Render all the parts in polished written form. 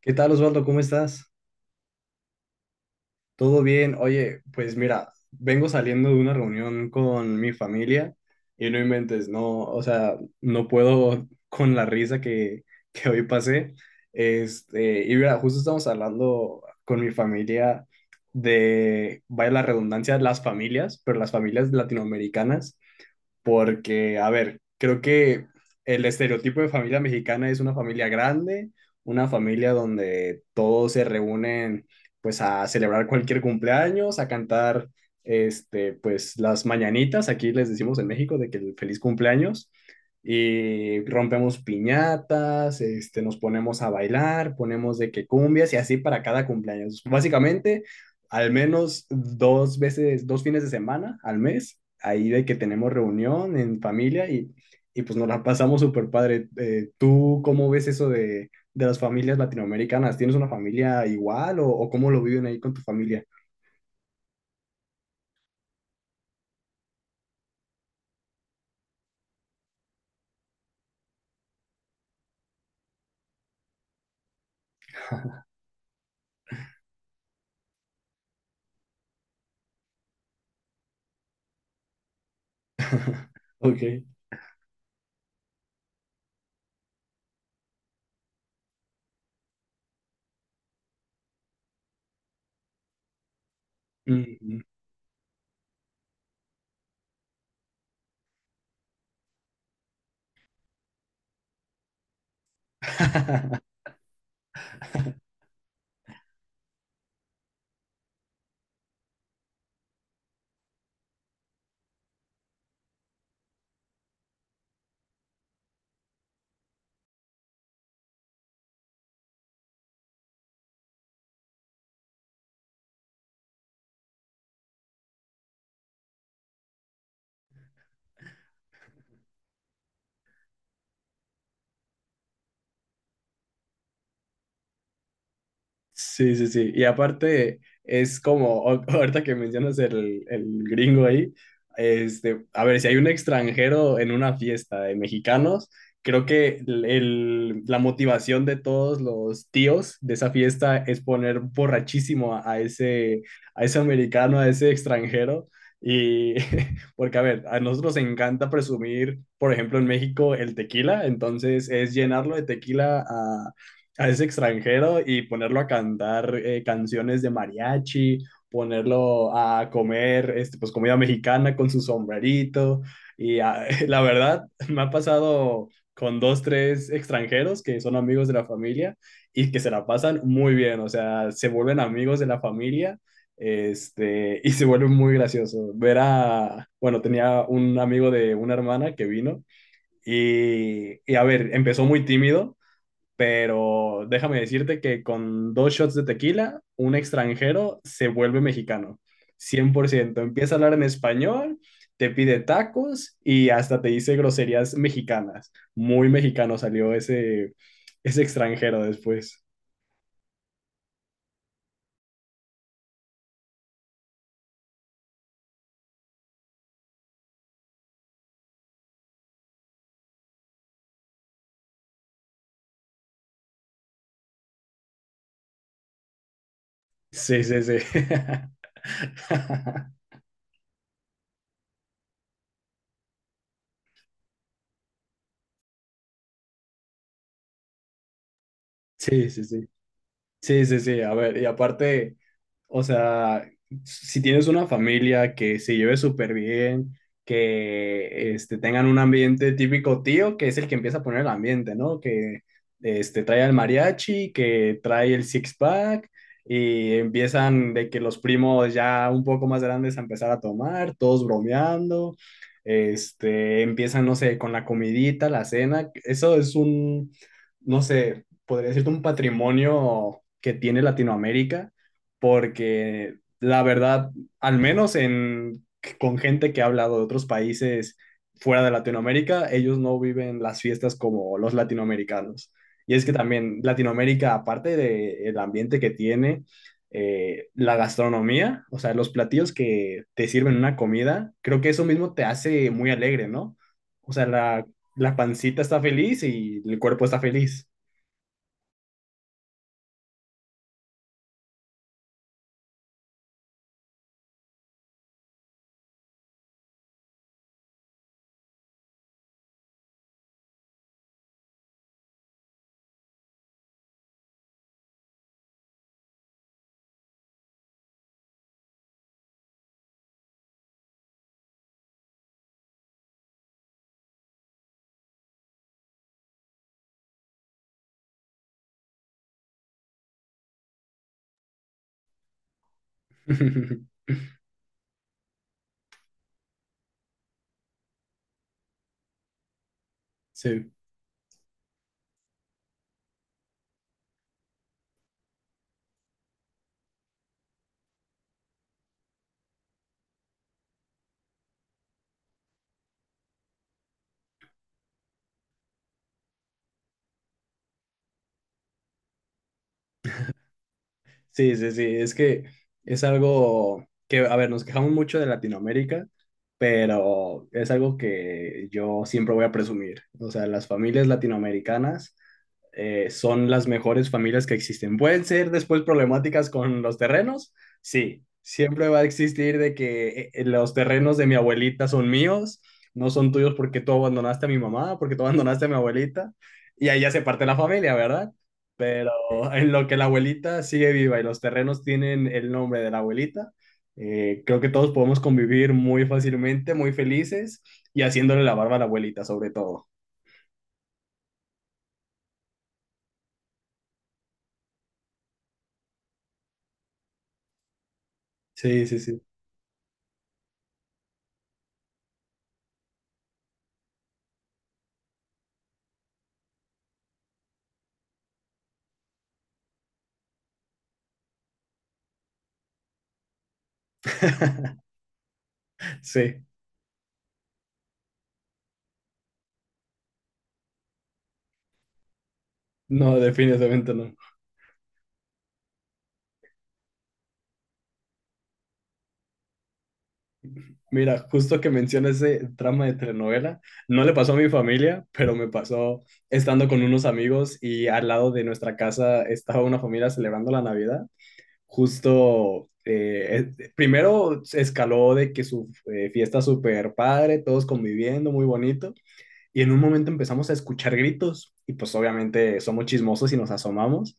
¿Qué tal, Osvaldo? ¿Cómo estás? ¿Todo bien? Oye, pues mira, vengo saliendo de una reunión con mi familia y no inventes, no, o sea, no puedo con la risa que hoy pasé. Y mira, justo estamos hablando con mi familia de, vaya la redundancia, las familias, pero las familias latinoamericanas porque, a ver, creo que el estereotipo de familia mexicana es una familia grande, una familia donde todos se reúnen pues a celebrar cualquier cumpleaños, a cantar pues las mañanitas, aquí les decimos en México de que el feliz cumpleaños y rompemos piñatas, nos ponemos a bailar, ponemos de que cumbias y así para cada cumpleaños. Básicamente, al menos dos veces, 2 fines de semana al mes ahí de que tenemos reunión en familia y pues nos la pasamos súper padre. ¿Tú cómo ves eso de las familias latinoamericanas? ¿Tienes una familia igual o cómo lo viven ahí con tu familia? Ok. Mm. Sí, sí, sí. Y aparte es como, ahorita que mencionas el- gringo ahí, a ver, si hay un extranjero en una fiesta de mexicanos, creo que el, la motivación de todos los tíos de esa fiesta es poner borrachísimo a ese americano, a ese extranjero. Y porque, a ver, a nosotros nos encanta presumir, por ejemplo, en México el tequila, entonces es llenarlo de tequila a ese extranjero y ponerlo a cantar canciones de mariachi, ponerlo a comer pues, comida mexicana con su sombrerito. Y la verdad, me ha pasado con dos, tres extranjeros que son amigos de la familia y que se la pasan muy bien, o sea, se vuelven amigos de la familia. Y se vuelve muy gracioso. Ver bueno, tenía un amigo de una hermana que vino y a ver, empezó muy tímido, pero déjame decirte que con dos shots de tequila, un extranjero se vuelve mexicano, 100%. Empieza a hablar en español, te pide tacos y hasta te dice groserías mexicanas. Muy mexicano salió ese, ese extranjero después. Sí, sí, sí. Sí, sí, sí. Sí, sí, sí, a ver, y aparte, o sea, si tienes una familia que se lleve súper bien, que tengan un ambiente típico tío, que es el que empieza a poner el ambiente, ¿no? Que trae el mariachi, que trae el six-pack, y empiezan de que los primos ya un poco más grandes a empezar a tomar, todos bromeando, empiezan, no sé, con la comidita, la cena, eso es un, no sé podría decirte, un patrimonio que tiene Latinoamérica, porque la verdad, al menos con gente que ha hablado de otros países fuera de Latinoamérica, ellos no viven las fiestas como los latinoamericanos. Y es que también Latinoamérica, aparte del ambiente que tiene, la gastronomía, o sea, los platillos que te sirven una comida, creo que eso mismo te hace muy alegre, ¿no? O sea, la pancita está feliz y el cuerpo está feliz. Sí, sí, sí, sí, es que es algo que, a ver, nos quejamos mucho de Latinoamérica, pero es algo que yo siempre voy a presumir. O sea, las familias latinoamericanas son las mejores familias que existen. ¿Pueden ser después problemáticas con los terrenos? Sí, siempre va a existir de que los terrenos de mi abuelita son míos, no son tuyos porque tú abandonaste a mi mamá, porque tú abandonaste a mi abuelita, y ahí ya se parte la familia, ¿verdad? Pero en lo que la abuelita sigue viva y los terrenos tienen el nombre de la abuelita, creo que todos podemos convivir muy fácilmente, muy felices y haciéndole la barba a la abuelita sobre todo. Sí, sí, sí. Sí. No, definitivamente no. Mira, justo que mencionas ese trama de telenovela, no le pasó a mi familia, pero me pasó estando con unos amigos y al lado de nuestra casa estaba una familia celebrando la Navidad. Justo, primero se escaló de que su fiesta super padre, todos conviviendo, muy bonito. Y en un momento empezamos a escuchar gritos y pues obviamente somos chismosos y nos asomamos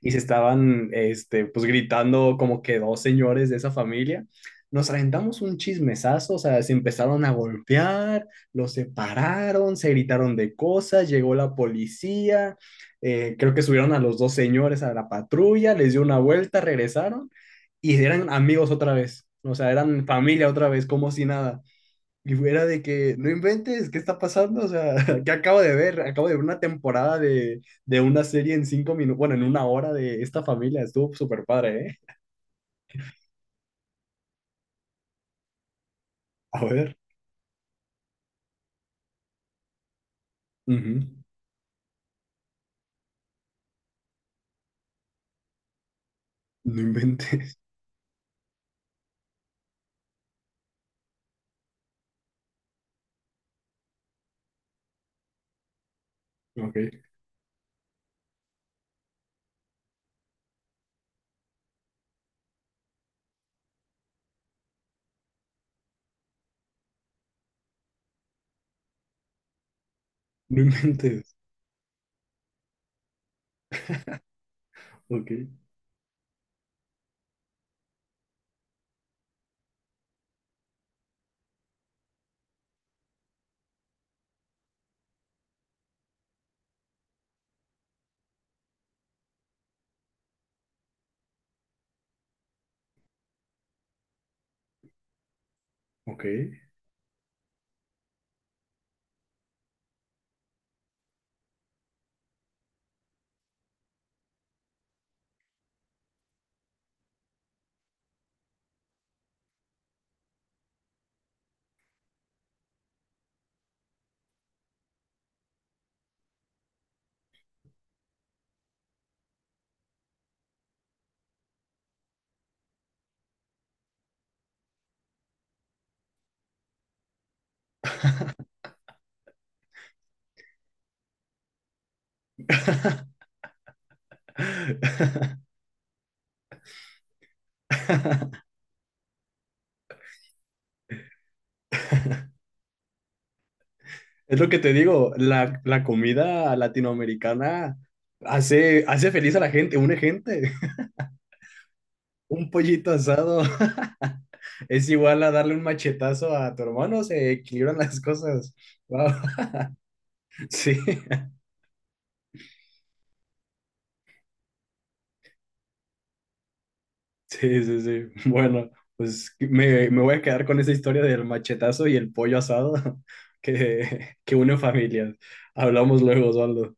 y se estaban pues gritando como que dos señores de esa familia. Nos aventamos un chismesazo, o sea, se empezaron a golpear, los separaron, se gritaron de cosas, llegó la policía, creo que subieron a los dos señores a la patrulla, les dio una vuelta, regresaron y eran amigos otra vez, o sea, eran familia otra vez, como si nada. Y fuera de que, no inventes, ¿qué está pasando? O sea, ¿qué acabo de ver? Acabo de ver una temporada de una serie en 5 minutos, bueno, en una hora de esta familia. Estuvo súper padre, ¿eh? A ver. Ujú. No inventes. Ok. No inventes. Ok. Ok. Es lo que te digo, la comida latinoamericana hace, hace feliz a la gente, une gente. Un pollito asado es igual a darle un machetazo a tu hermano, se equilibran las cosas. Wow. Sí, sí, sí, sí. Bueno, pues me voy a quedar con esa historia del machetazo y el pollo asado que une familias. Hablamos luego, Osvaldo.